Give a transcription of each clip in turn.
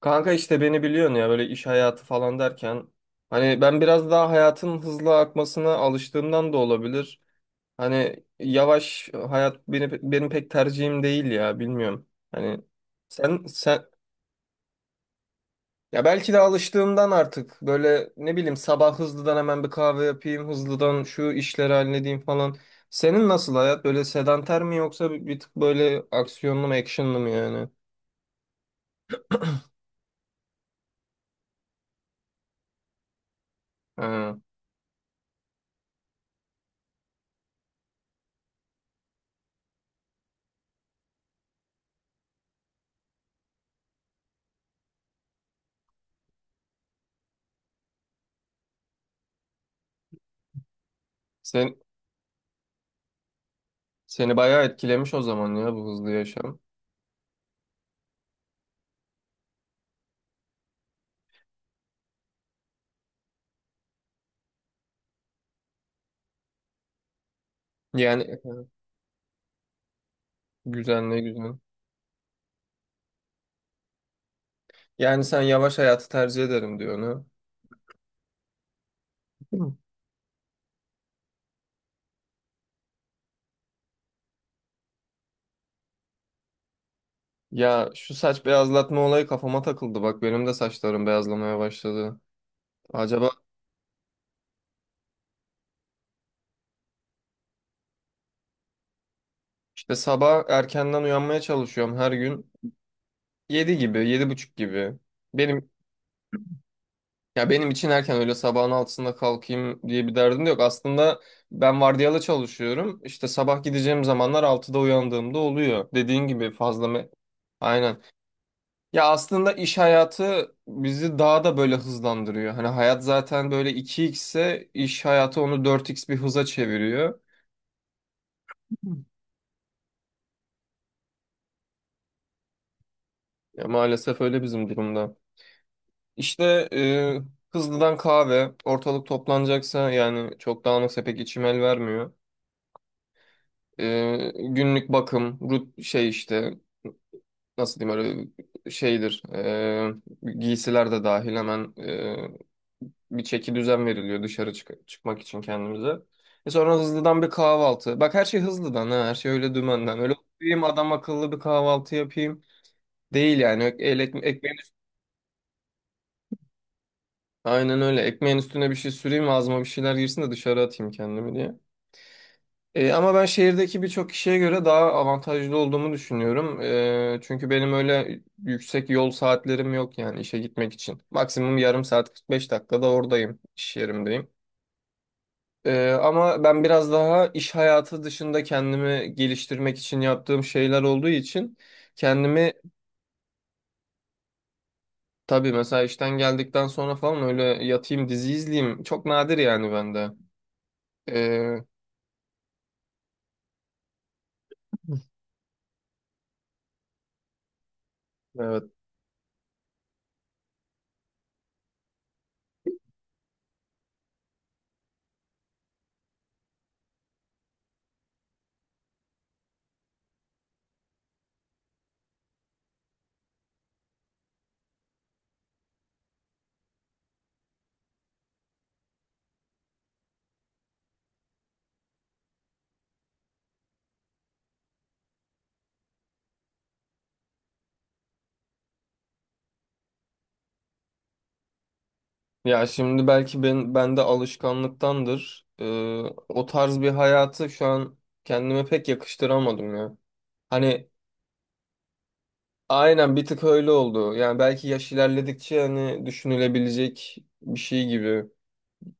Kanka işte beni biliyorsun ya böyle iş hayatı falan derken hani ben biraz daha hayatın hızlı akmasına alıştığımdan da olabilir. Hani yavaş hayat benim pek tercihim değil ya bilmiyorum. Hani sen ya belki de alıştığımdan artık böyle ne bileyim sabah hızlıdan hemen bir kahve yapayım, hızlıdan şu işleri halledeyim falan. Senin nasıl hayat? Böyle sedanter mi yoksa bir tık böyle aksiyonlu mu, actionlı mı yani? Ha. Sen Seni bayağı etkilemiş o zaman ya bu hızlı yaşam. Yani güzel ne güzel. Yani sen yavaş hayatı tercih ederim diyor onu. Hı. Ya şu saç beyazlatma olayı kafama takıldı. Bak benim de saçlarım beyazlamaya başladı. Acaba işte sabah erkenden uyanmaya çalışıyorum her gün. 7 gibi, 7:30 gibi. Benim Ya benim için erken, öyle sabahın 6'sında kalkayım diye bir derdim de yok. Aslında ben vardiyalı çalışıyorum. İşte sabah gideceğim zamanlar 6'da uyandığımda oluyor. Dediğin gibi fazla Aynen. Ya aslında iş hayatı bizi daha da böyle hızlandırıyor. Hani hayat zaten böyle iki x ise iş hayatı onu dört x bir hıza çeviriyor. Ya maalesef öyle bizim durumda. İşte e, hızlıdan kahve, ortalık toplanacaksa yani çok dağınıksa pek içim el vermiyor. Günlük bakım, rut şey işte nasıl diyeyim öyle şeydir. Giysiler de dahil hemen bir çeki düzen veriliyor dışarı çıkmak için kendimize. Sonra hızlıdan bir kahvaltı. Bak her şey hızlıdan ha, her şey öyle dümenden. Öyle oturayım adam akıllı bir kahvaltı yapayım. Değil yani. Aynen öyle. Ekmeğin üstüne bir şey süreyim ağzıma bir şeyler girsin de dışarı atayım kendimi diye. Ama ben şehirdeki birçok kişiye göre daha avantajlı olduğumu düşünüyorum. Çünkü benim öyle yüksek yol saatlerim yok yani işe gitmek için. Maksimum yarım saat 45 dakikada oradayım, iş yerimdeyim. Ama ben biraz daha iş hayatı dışında kendimi geliştirmek için yaptığım şeyler olduğu için kendimi tabii mesela işten geldikten sonra falan öyle yatayım dizi izleyeyim çok nadir yani bende. Ee, Evet. Ya şimdi belki bende alışkanlıktandır. O tarz bir hayatı şu an kendime pek yakıştıramadım ya. Hani aynen bir tık öyle oldu. Yani belki yaş ilerledikçe hani düşünülebilecek bir şey gibi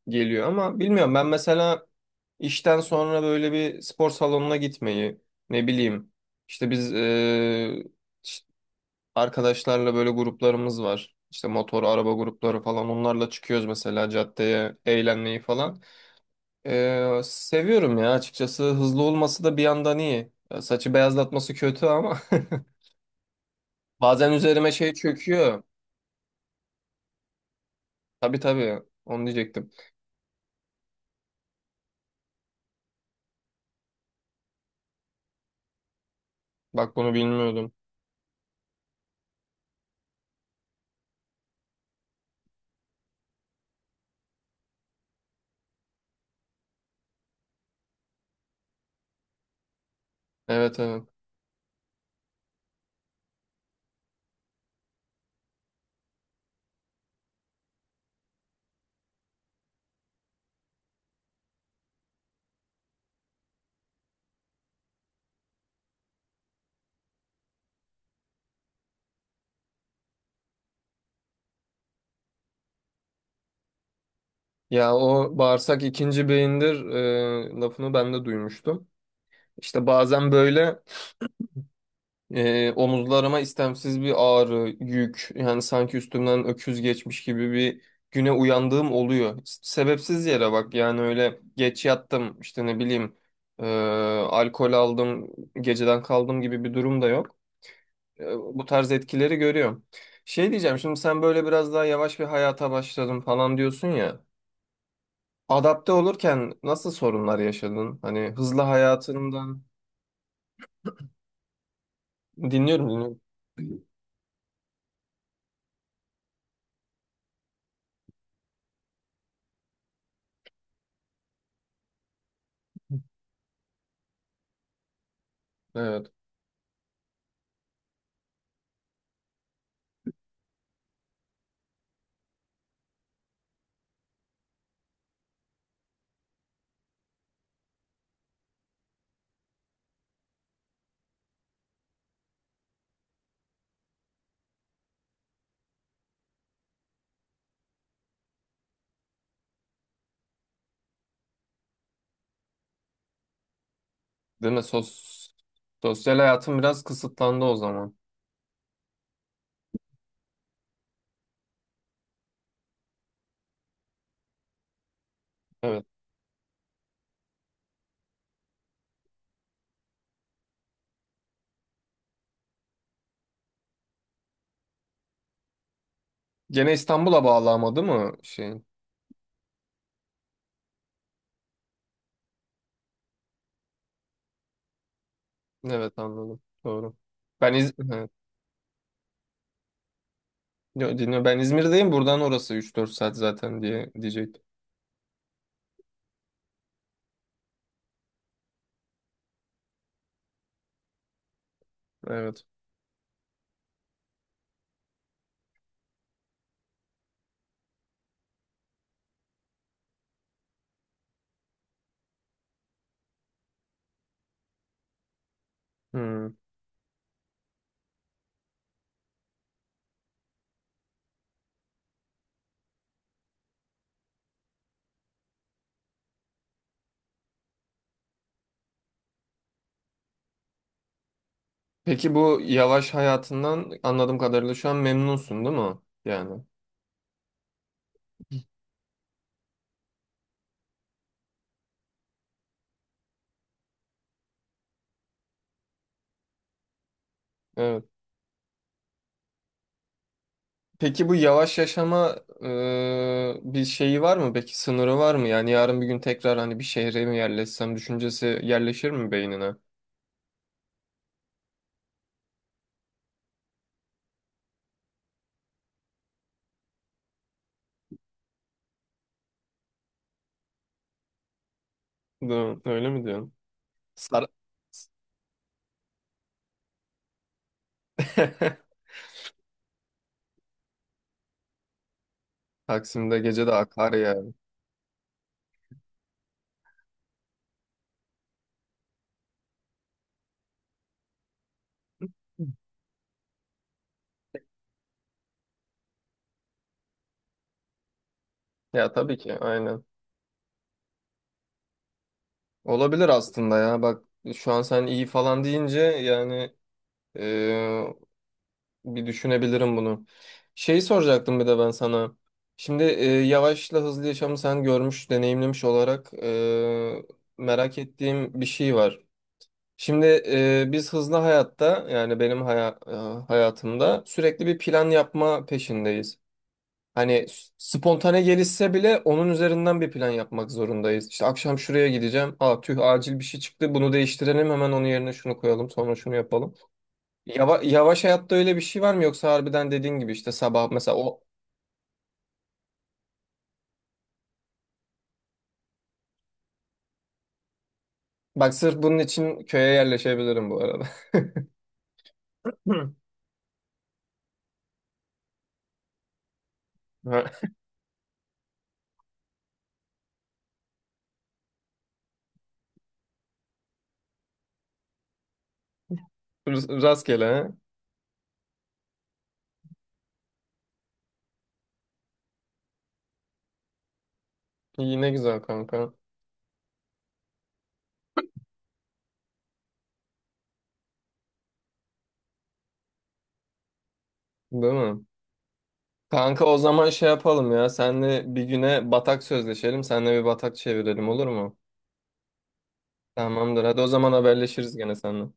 geliyor ama bilmiyorum, ben mesela işten sonra böyle bir spor salonuna gitmeyi ne bileyim işte biz ş- arkadaşlarla böyle gruplarımız var, işte motor araba grupları falan onlarla çıkıyoruz mesela caddeye eğlenmeyi falan. Seviyorum ya açıkçası, hızlı olması da bir yandan iyi. Ya saçı beyazlatması kötü ama bazen üzerime şey çöküyor. Tabii tabii, onu diyecektim. Bak bunu bilmiyordum. Evet evet. Ya o bağırsak ikinci beyindir lafını ben de duymuştum. İşte bazen böyle omuzlarıma istemsiz bir ağrı, yük yani sanki üstümden öküz geçmiş gibi bir güne uyandığım oluyor. Sebepsiz yere bak, yani öyle geç yattım işte ne bileyim e, alkol aldım geceden kaldım gibi bir durum da yok. Bu tarz etkileri görüyorum. Şey diyeceğim, şimdi sen böyle biraz daha yavaş bir hayata başladım falan diyorsun ya. Adapte olurken nasıl sorunlar yaşadın? Hani hızlı hayatından dinliyorum dinliyorum. Evet. Değil mi? Sosyal hayatım biraz kısıtlandı o zaman. Evet. Gene İstanbul'a bağlı ama değil mi şeyin? Evet anladım. Doğru. Evet. Yo, dinliyorum. Ben İzmir'deyim. Buradan orası 3-4 saat zaten diye diyecektim. Evet. Hmm. Peki bu yavaş hayatından anladığım kadarıyla şu an memnunsun değil mi? Yani. Evet. Peki bu yavaş yaşama bir şeyi var mı? Peki sınırı var mı? Yani yarın bir gün tekrar hani bir şehre mi yerleşsem düşüncesi yerleşir mi beynine? Öyle mi diyorsun? Sar Taksim'de gece de akar ya. Ya tabii ki aynen. Olabilir aslında ya. Bak şu an sen iyi falan deyince yani bir düşünebilirim bunu. Şeyi soracaktım bir de ben sana. Şimdi yavaşla hızlı yaşamı sen görmüş, deneyimlemiş olarak merak ettiğim bir şey var. Şimdi biz hızlı hayatta yani benim hayatımda sürekli bir plan yapma peşindeyiz. Hani spontane gelişse bile onun üzerinden bir plan yapmak zorundayız. İşte akşam şuraya gideceğim. Aa tüh, acil bir şey çıktı. Bunu değiştirelim, hemen onun yerine şunu koyalım, sonra şunu yapalım. Yavaş hayatta öyle bir şey var mı yoksa harbiden dediğin gibi işte sabah mesela o. Bak sırf bunun için köye yerleşebilirim bu arada. Hı. Ha, rastgele ha. İyi ne güzel kanka. Değil mi? Kanka o zaman şey yapalım ya. Senle bir güne batak sözleşelim. Senle bir batak çevirelim olur mu? Tamamdır. Hadi o zaman haberleşiriz gene seninle.